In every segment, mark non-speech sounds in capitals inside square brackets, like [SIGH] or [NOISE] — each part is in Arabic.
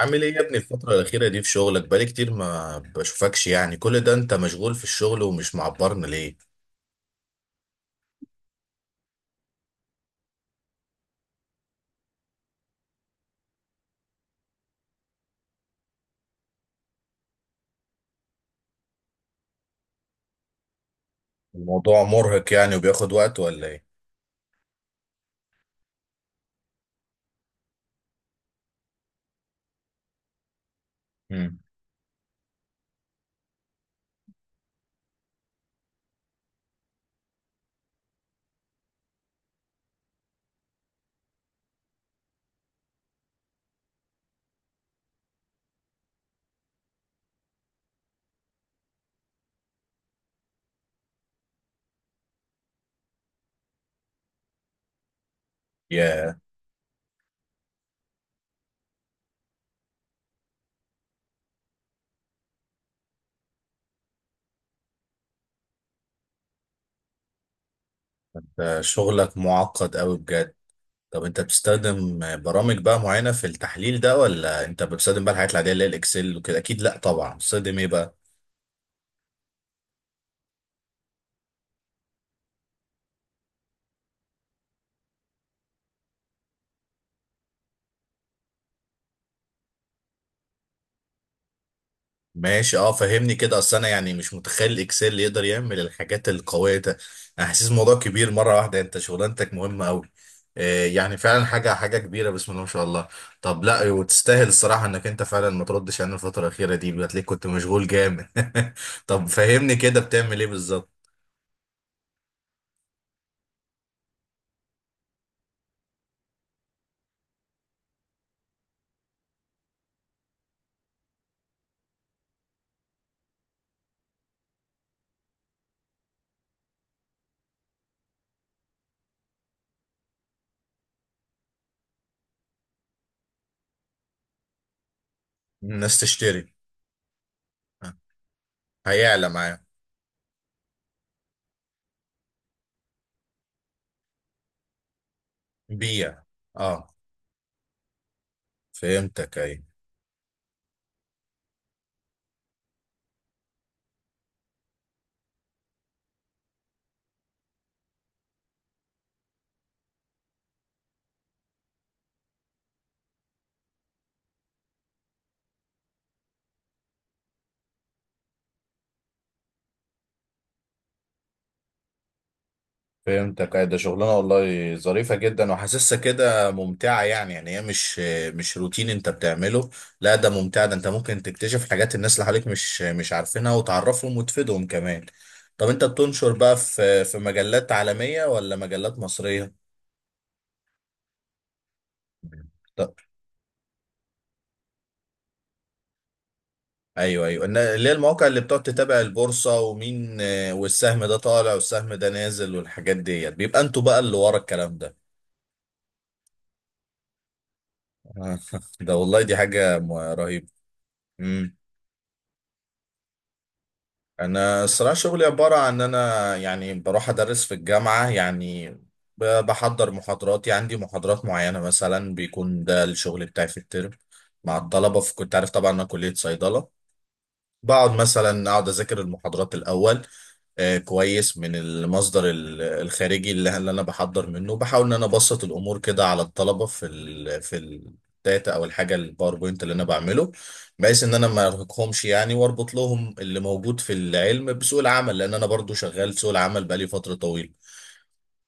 عامل ايه يا ابني الفترة الأخيرة دي في شغلك، بقالي كتير ما بشوفكش، يعني كل ده انت مشغول في الشغل ومش معبرنا ليه؟ الموضوع مرهق يعني وبياخد وقت ولا ايه؟ مم. يا، ده شغلك معقد قوي بجد. طب انت بتستخدم برامج بقى معينة في التحليل ده، ولا انت بتستخدم بقى الحاجات العادية اللي هي الإكسل وكده؟ أكيد لأ، طبعا بتستخدم ايه بقى؟ ماشي، اه فهمني كده، اصل انا يعني مش متخيل الاكسل اللي يقدر يعمل الحاجات القويه ده. انا حاسس الموضوع كبير مره واحده، انت شغلانتك مهمه قوي. يعني فعلا حاجه حاجه كبيره، بسم الله ما شاء الله. طب لا، وتستاهل الصراحه انك انت فعلا ما تردش علينا الفتره الاخيره دي، بتلاقيك كنت مشغول جامد. [LAUGHS] طب فهمني كده، بتعمل ايه بالظبط؟ الناس تشتري. آه، هيعلى معايا. بيع. اه، فهمتك ايوه. فهمتك، أي ده شغلانه والله ظريفه جدا وحاسسها كده ممتعه، يعني هي مش روتين انت بتعمله. لا، ده ممتع، ده انت ممكن تكتشف حاجات الناس اللي حواليك مش عارفينها، وتعرفهم وتفيدهم كمان. طب انت بتنشر بقى في مجلات عالميه ولا مجلات مصريه؟ طب ايوه ايوه، اللي هي المواقع اللي بتقعد تتابع البورصه ومين، والسهم ده طالع والسهم ده نازل والحاجات ديت، بيبقى انتوا بقى اللي ورا الكلام ده. [LAUGHS] ده والله دي حاجه رهيبه. انا الصراحه شغلي عباره عن ان انا يعني بروح ادرس في الجامعه يعني، بحضر محاضراتي، عندي محاضرات معينه مثلا بيكون ده الشغل بتاعي في الترم مع الطلبه، في كنت عارف طبعا انا كليه صيدله. بقعد مثلا اقعد اذاكر المحاضرات الاول، كويس، من المصدر الخارجي اللي انا بحضر منه، بحاول ان انا ابسط الامور كده على الطلبه في الداتا او الحاجه الباوربوينت اللي انا بعمله، بحيث ان انا ما ارهقهمش يعني، واربط لهم اللي موجود في العلم بسوق العمل، لان انا برضو شغال في سوق العمل بقالي فتره طويله،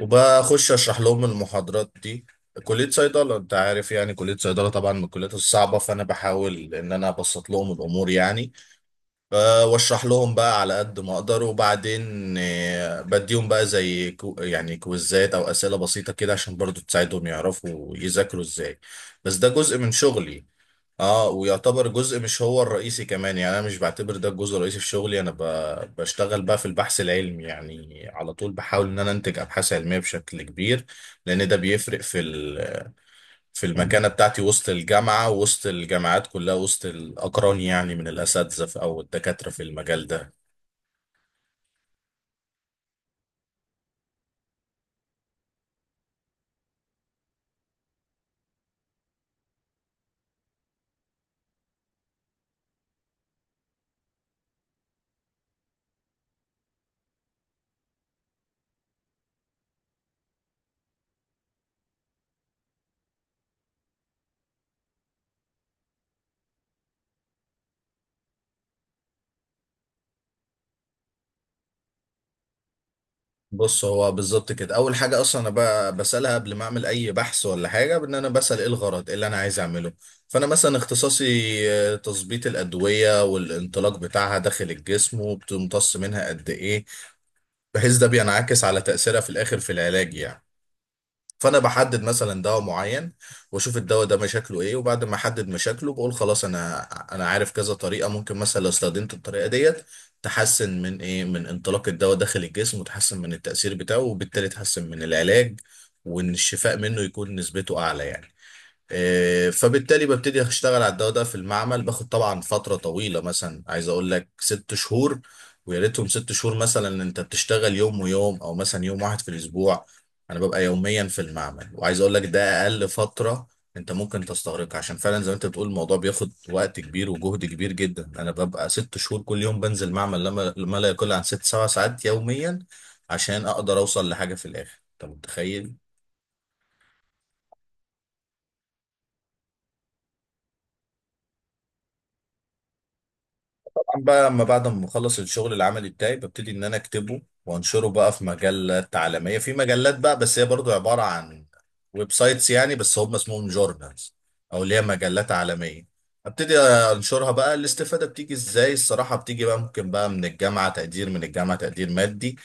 وبخش اشرح لهم المحاضرات دي. كليه صيدله، انت عارف يعني كليه صيدله طبعا من الكليات الصعبه، فانا بحاول ان انا ابسط لهم الامور يعني. واشرح لهم بقى على قد ما اقدر، وبعدين بديهم بقى زي يعني كويزات او اسئله بسيطه كده عشان برضو تساعدهم يعرفوا يذاكروا ازاي. بس ده جزء من شغلي. اه، ويعتبر جزء، مش هو الرئيسي كمان، يعني انا مش بعتبر ده الجزء الرئيسي في شغلي، بشتغل بقى في البحث العلمي، يعني على طول بحاول ان انا انتج ابحاث علميه بشكل كبير، لان ده بيفرق في المكانة بتاعتي وسط الجامعة، وسط الجامعات كلها، وسط الأقران، يعني من الأساتذة أو الدكاترة في المجال ده. بص، هو بالظبط كده، أول حاجة أصلا أنا بسألها قبل ما أعمل أي بحث ولا حاجة، بإن أنا بسأل إيه الغرض، إيه اللي أنا عايز أعمله. فأنا مثلا اختصاصي تظبيط الأدوية والانطلاق بتاعها داخل الجسم، وبتمتص منها قد إيه، بحيث ده بينعكس على تأثيرها في الآخر في العلاج يعني. فانا بحدد مثلا دواء معين، واشوف الدواء ده مشاكله ايه، وبعد ما احدد مشاكله بقول خلاص انا عارف كذا طريقه ممكن، مثلا لو استخدمت الطريقه ديت تحسن من ايه، من انطلاق الدواء داخل الجسم، وتحسن من التاثير بتاعه، وبالتالي تحسن من العلاج، وان الشفاء منه يكون نسبته اعلى يعني. فبالتالي ببتدي اشتغل على الدواء ده في المعمل، باخد طبعا فترة طويلة، مثلا عايز اقول لك 6 شهور. ويا ريتهم 6 شهور، مثلا إن انت بتشتغل يوم ويوم، او مثلا يوم واحد في الاسبوع. انا ببقى يوميا في المعمل، وعايز اقول لك ده اقل فترة انت ممكن تستغرقها، عشان فعلا زي ما انت بتقول الموضوع بياخد وقت كبير وجهد كبير جدا. انا ببقى 6 شهور كل يوم بنزل معمل لما ما لا يقل عن 6-7 ساعات يوميا، عشان اقدر اوصل لحاجة في الاخر، انت متخيل. طبعا بقى لما بعد ما بخلص الشغل العملي بتاعي، ببتدي ان انا اكتبه وانشره بقى في مجلات عالميه، في مجلات بقى بس هي برضو عباره عن ويب سايتس يعني، بس هم اسمهم جورنالز، او اللي هي مجلات عالميه. ابتدي انشرها بقى، الاستفاده بتيجي ازاي؟ الصراحه بتيجي بقى ممكن بقى من الجامعه، تقدير من الجامعه، تقدير مادي.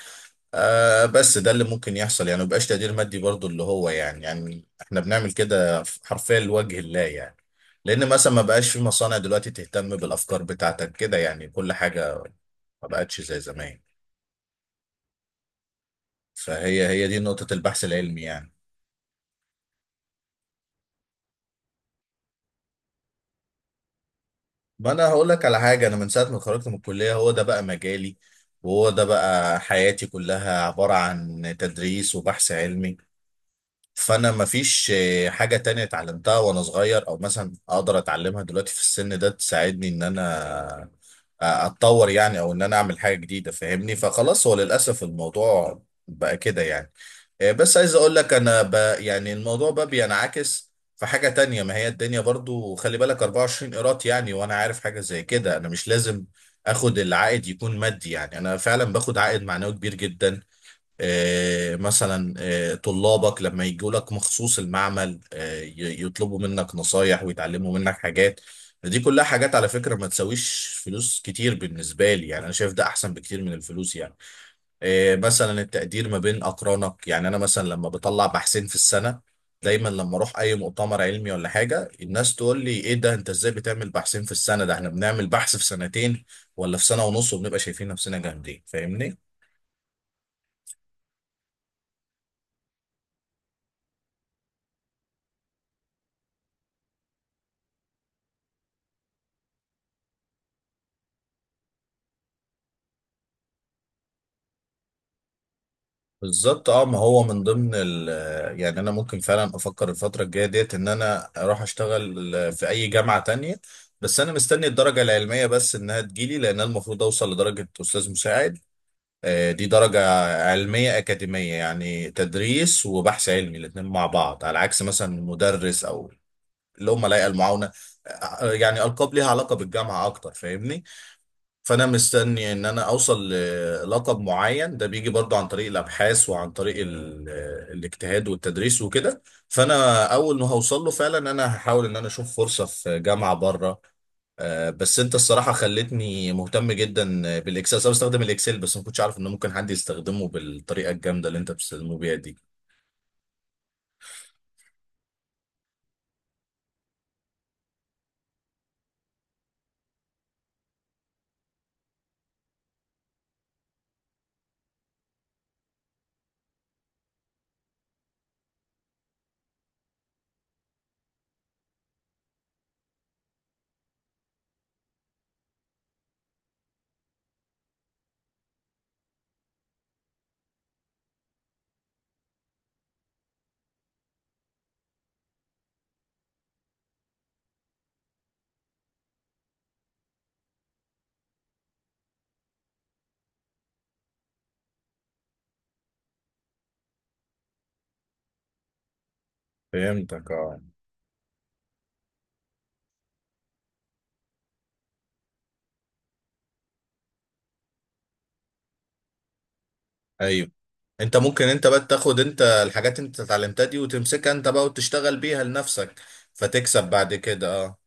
آه، بس ده اللي ممكن يحصل يعني، مبقاش تقدير مادي برضو، اللي هو يعني احنا بنعمل كده حرفيا لوجه الله يعني، لان مثلا ما بقاش في مصانع دلوقتي تهتم بالافكار بتاعتك كده، يعني كل حاجة ما بقتش زي زمان. فهي هي دي نقطة البحث العلمي يعني. ما انا هقول لك على حاجة، انا من ساعة ما خرجت من الكلية هو ده بقى مجالي، وهو ده بقى حياتي كلها عبارة عن تدريس وبحث علمي. فانا مفيش حاجة تانية اتعلمتها وانا صغير، او مثلا اقدر اتعلمها دلوقتي في السن ده تساعدني ان انا اتطور يعني، او ان انا اعمل حاجة جديدة، فاهمني؟ فخلاص هو للاسف الموضوع بقى كده يعني. بس عايز اقول لك يعني الموضوع بقى بينعكس في حاجة تانية، ما هي الدنيا برضو خلي بالك 24 قيراط يعني، وانا عارف حاجة زي كده، انا مش لازم اخد العائد يكون مادي، يعني انا فعلا باخد عائد معنوي كبير جدا. مثلا طلابك لما يجوا لك مخصوص المعمل، يطلبوا منك نصايح ويتعلموا منك حاجات، دي كلها حاجات على فكرة ما تساويش فلوس كتير بالنسبة لي، يعني أنا شايف ده أحسن بكتير من الفلوس يعني. مثلا التقدير ما بين أقرانك، يعني أنا مثلا لما بطلع بحثين في السنة، دايما لما أروح أي مؤتمر علمي ولا حاجة الناس تقول لي إيه ده، أنت إزاي بتعمل بحثين في السنة، ده إحنا بنعمل بحث في سنتين ولا في سنة ونص، وبنبقى شايفين نفسنا جامدين، فاهمني؟ بالظبط اه، ما هو من ضمن يعني انا ممكن فعلا افكر الفتره الجايه ديت ان انا اروح اشتغل في اي جامعه تانية، بس انا مستني الدرجه العلميه بس انها تجيلي، لان أنا المفروض اوصل لدرجه استاذ مساعد. دي درجه علميه اكاديميه، يعني تدريس وبحث علمي الاثنين مع بعض، على عكس مثلا مدرس او اللي هم لايقه المعاونه، يعني القاب ليها علاقه بالجامعه اكتر فاهمني. فانا مستني ان انا اوصل للقب معين، ده بيجي برضو عن طريق الابحاث وعن طريق الاجتهاد والتدريس وكده، فانا اول ما هوصل له فعلا انا هحاول ان انا اشوف فرصة في جامعة بره. بس انت الصراحة خلتني مهتم جدا بالاكسل، انا بستخدم الاكسل بس ما كنتش عارف ان ممكن حد يستخدمه بالطريقة الجامدة اللي انت بتستخدمه بيها دي. فهمتك اه، ايوه انت ممكن انت بقى تاخد انت الحاجات انت اتعلمتها دي وتمسكها انت بقى وتشتغل بيها لنفسك، فتكسب بعد كده اه.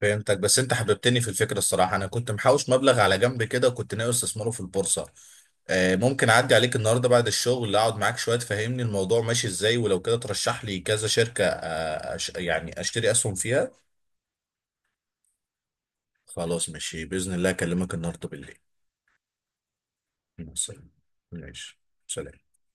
فهمتك، بس انت حببتني في الفكره الصراحه، انا كنت محوش مبلغ على جنب كده وكنت ناوي استثمره في البورصه. ممكن اعدي عليك النهارده بعد الشغل، اقعد معاك شويه تفهمني الموضوع ماشي ازاي، ولو كده ترشح لي كذا شركه، يعني اشتري اسهم فيها. خلاص ماشي، باذن الله اكلمك النهارده بالليل. مع السلامة. ماشي. سلام.